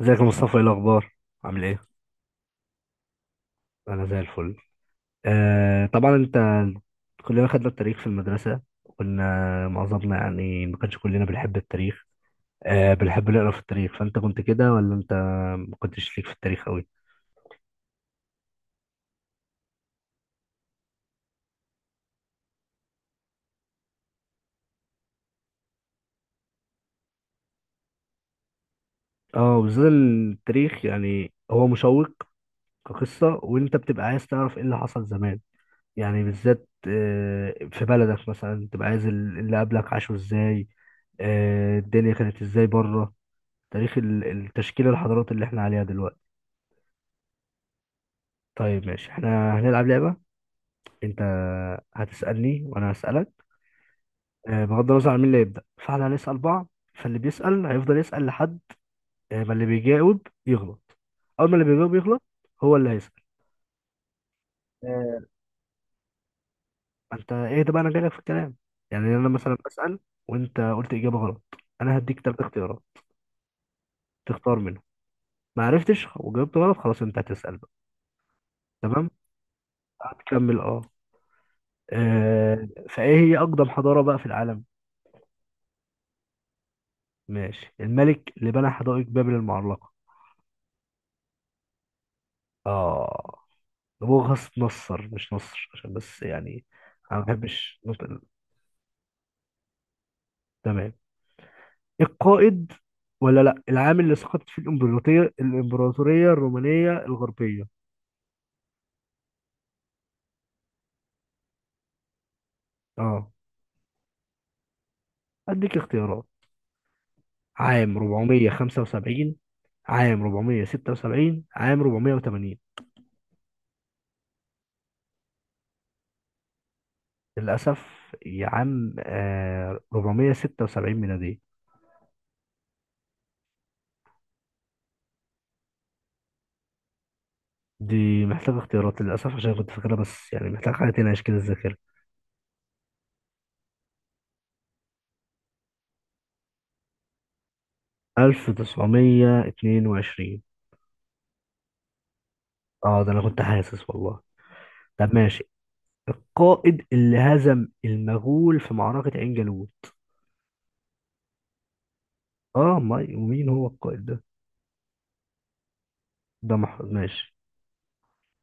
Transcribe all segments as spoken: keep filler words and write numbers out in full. ازيك يا مصطفى، ايه الاخبار؟ عامل ايه؟ انا زي الفل. آه طبعا، انت كلنا خدنا التاريخ في المدرسه، وكنا معظمنا يعني ما كانش كلنا بنحب التاريخ. آه بنحب نقرا في التاريخ، فانت كنت كده ولا انت ما كنتش ليك في التاريخ قوي؟ اه، بالذات التاريخ يعني هو مشوق كقصه، وانت بتبقى عايز تعرف ايه اللي حصل زمان. يعني بالذات آه في بلدك مثلا، تبقى عايز اللي قبلك عاشوا ازاي، آه الدنيا كانت ازاي بره. تاريخ ال- التشكيلة، الحضارات اللي احنا عليها دلوقتي. طيب ماشي، احنا هنلعب لعبة. انت هتسألني وانا هسألك. آه، بغض النظر عن مين اللي يبدأ، فاحنا هنسأل بعض. فاللي بيسأل هيفضل يسأل لحد آه، ما اللي بيجاوب يغلط. اول ما اللي بيجاوب يغلط، هو اللي هيسأل. آه، انت ايه ده بقى، انا جايلك في الكلام. يعني انا مثلا بسأل، وانت قلت إجابة غلط، انا هديك ثلاث اختيارات تختار منهم. ما عرفتش وجاوبت غلط، خلاص انت هتسأل بقى. تمام، هتكمل، اه. آه، فايه هي اقدم حضارة بقى في العالم؟ ماشي. الملك اللي بنى حدائق بابل المعلقة؟ اه، نبوخذ نصر، مش نصر عشان بس يعني انا ما بحبش نطق- تمام. القائد ولا لا؟ العام اللي سقطت فيه الامبراطورية الامبراطورية الرومانية الغربية؟ اه، اديك اختيارات. عام أربعمية وخمسة وسبعين، عام أربعمية وستة وسبعين، عام أربعمية وتمانين. للأسف. يا عم، آه أربعمية وستة وسبعين ميلادية. دي محتاجة اختيارات للأسف، عشان كنت فاكرها، بس يعني محتاجة حاجة تنعش كده الذاكرة. ألف تسعمية واتنين وعشرين. اه، ده أنا كنت حاسس والله. طب ماشي، القائد اللي هزم المغول في معركة عين جالوت؟ اه، ما ومين هو القائد ده؟ ده مح... ماشي.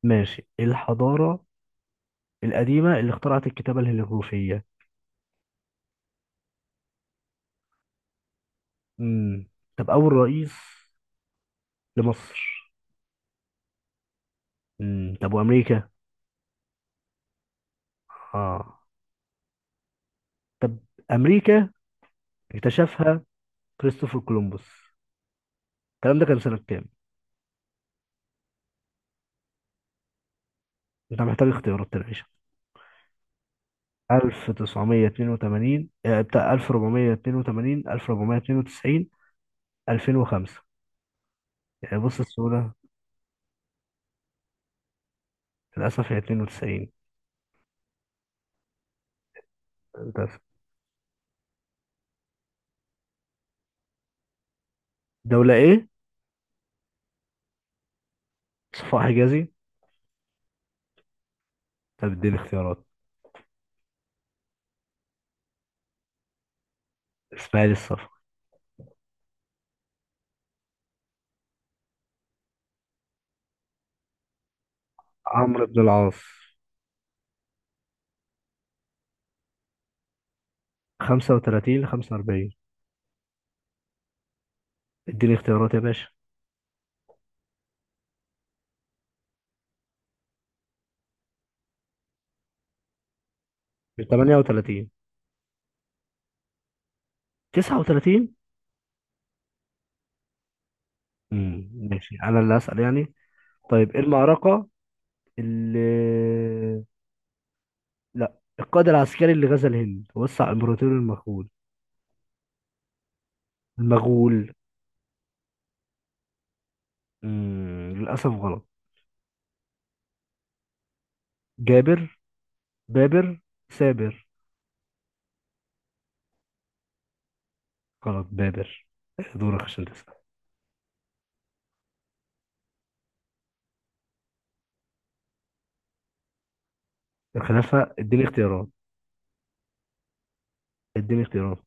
ماشي، الحضارة القديمة اللي اخترعت الكتابة الهيروغليفية؟ امم طب، أول رئيس لمصر؟ امم طب، وأمريكا؟ اه. طب، أمريكا اكتشفها كريستوفر كولومبوس، الكلام ده كان سنة كام؟ أنت محتاج اختيارات تنعيشة. ألف تسعمية اتنين وتمانين، آه، بتاع ألف أربعمية اتنين وتمانين، ألف أربعمية اتنين وتسعين، ألفين وخمسة. يعني بص السهولة. للأسف، هي اتنين وتسعين. للأسف. دولة إيه؟ صفاء حجازي. طب، اديني اختيارات. إسماعيل الصفا. عمرو بن العاص. خمسة وتلاتين ل خمسة وأربعين. اديني اختيارات يا باشا. تمنية وتلاتين. تسعة وثلاثين. امم ماشي، أنا اللي هسأل يعني. طيب إيه المعركة اللي، لا، القائد العسكري اللي غزا الهند ووسع امبراطوره المغول؟ المغول. مم. للاسف غلط. جابر، بابر، سابر. غلط، بابر. دورك عشان تسأل. الخلافة، اديني اختيارات. اديني اختيارات.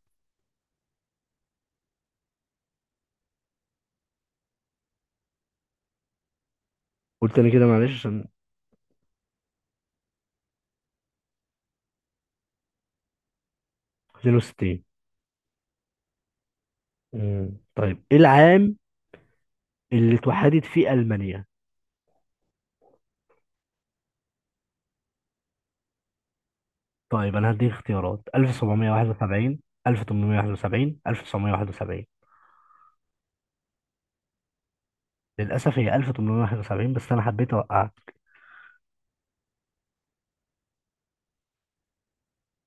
قلت انا كده، معلش عشان. اتنين وستين. مم. طيب ايه العام اللي اتوحدت فيه المانيا؟ طيب انا هديك اختيارات. ألف سبعمية وواحد وسبعين، ألف تمنمية وواحد وسبعين، ألف تسعمية وواحد وسبعين. للاسف هي ألف تمنمية وواحد وسبعين، بس انا حبيت اوقعك.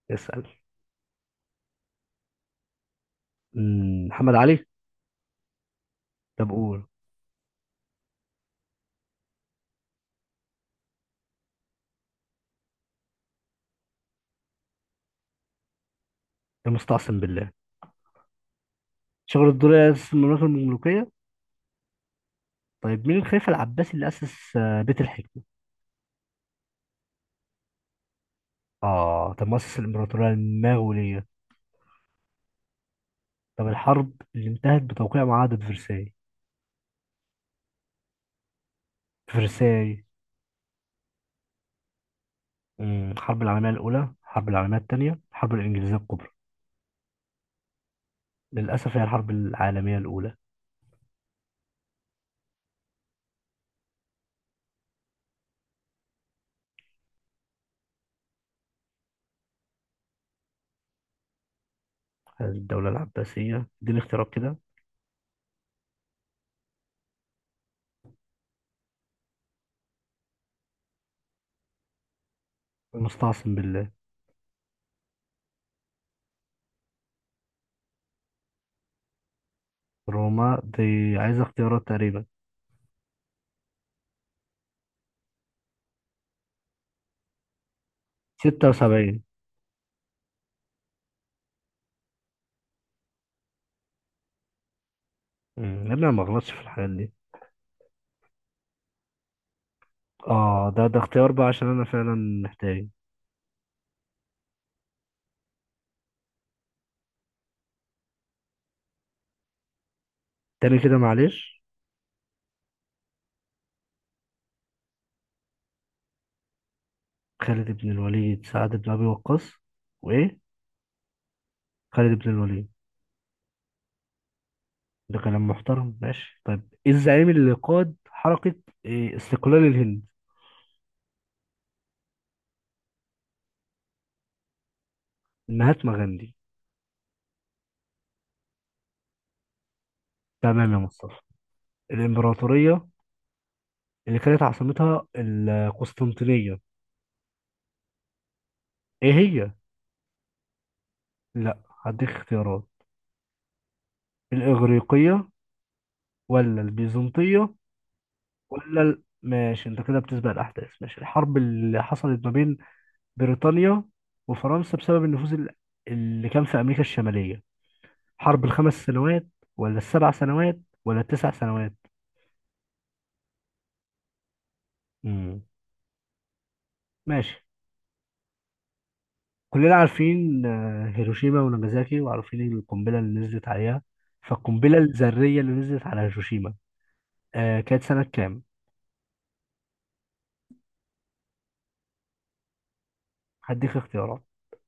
اسال. مم، محمد علي. طب قول. المستعصم بالله. شجر الدر أسس المملكة المملوكية. طيب، مين الخليفة العباسي اللي أسس آه، بيت الحكمة؟ آه، طب مؤسس الإمبراطورية المغولية. طب، الحرب اللي انتهت بتوقيع معاهدة فرساي. فرساي. مم، الحرب العالمية الأولى، الحرب العالمية الثانية، الحرب الإنجليزية الكبرى. للأسف هي الحرب العالمية الأولى. الدولة العباسية، دي الاختيارات كده. المستعصم بالله. روما دي عايزة اختيارات تقريبا. ستة وسبعين. امم يا ابني، أنا ما غلطش في الحاجات دي. اه، ده ده اختيار بقى عشان انا فعلا محتاج. تاني كده معلش. خالد بن الوليد، سعد بن أبي وقاص، وإيه؟ خالد بن الوليد. ده كلام محترم. ماشي، طيب إيه الزعيم اللي قاد حركة إيه، استقلال الهند؟ مهاتما غاندي. تمام يا مصطفى. الإمبراطورية اللي كانت عاصمتها القسطنطينية، إيه هي؟ لأ. هديك اختيارات. الإغريقية، ولا البيزنطية؟ ولا ال... ماشي، أنت كده بتسبق الأحداث. ماشي، الحرب اللي حصلت ما بين بريطانيا وفرنسا بسبب النفوذ ال- اللي كان في أمريكا الشمالية. حرب الخمس سنوات، ولا السبع سنوات، ولا التسع سنوات؟ امم ماشي. كلنا عارفين آه، هيروشيما وناجازاكي، وعارفين القنبلة اللي نزلت عليها. فالقنبلة الذرية اللي نزلت على هيروشيما، آه، كانت سنة كام؟ هديك اختيارات.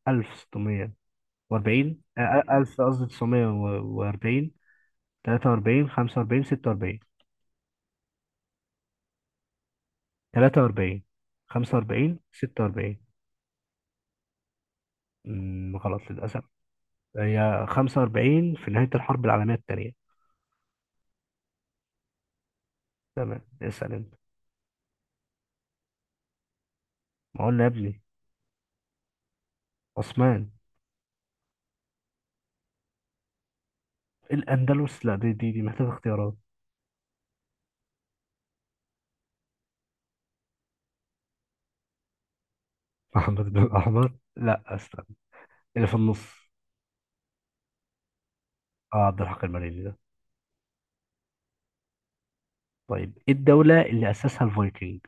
ألف ستمية وأربعين، آه، ألف، قصدي تسعمية وأربعين، تلاتة وأربعين، خمسة وأربعين، ستة وأربعين. تلاتة وأربعين، خمسة وأربعين، ستة وأربعين. امم غلط للأسف. هي خمسة وأربعين، في نهاية الحرب العالمية التانية. تمام، اسأل انت. ما قلنا يا ابني، عثمان. الأندلس، لا، دي دي, دي محتاجة اختيارات. محمد بن الأحمر، لا استنى، اللي في النص. اه، عبد الحق المريني ده. طيب، ايه الدولة اللي أسسها الفايكنج؟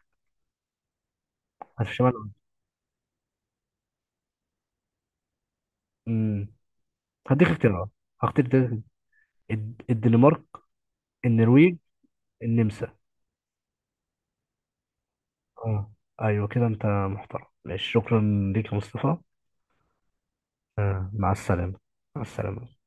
هل في شمال؟ امم هديك اختيارات. هختار ده. الد- الدنمارك، النرويج، النمسا. اه، ايوه كده، انت محترم. ماشي، شكرا ليك يا مصطفى. آه. مع السلامة. مع السلامة.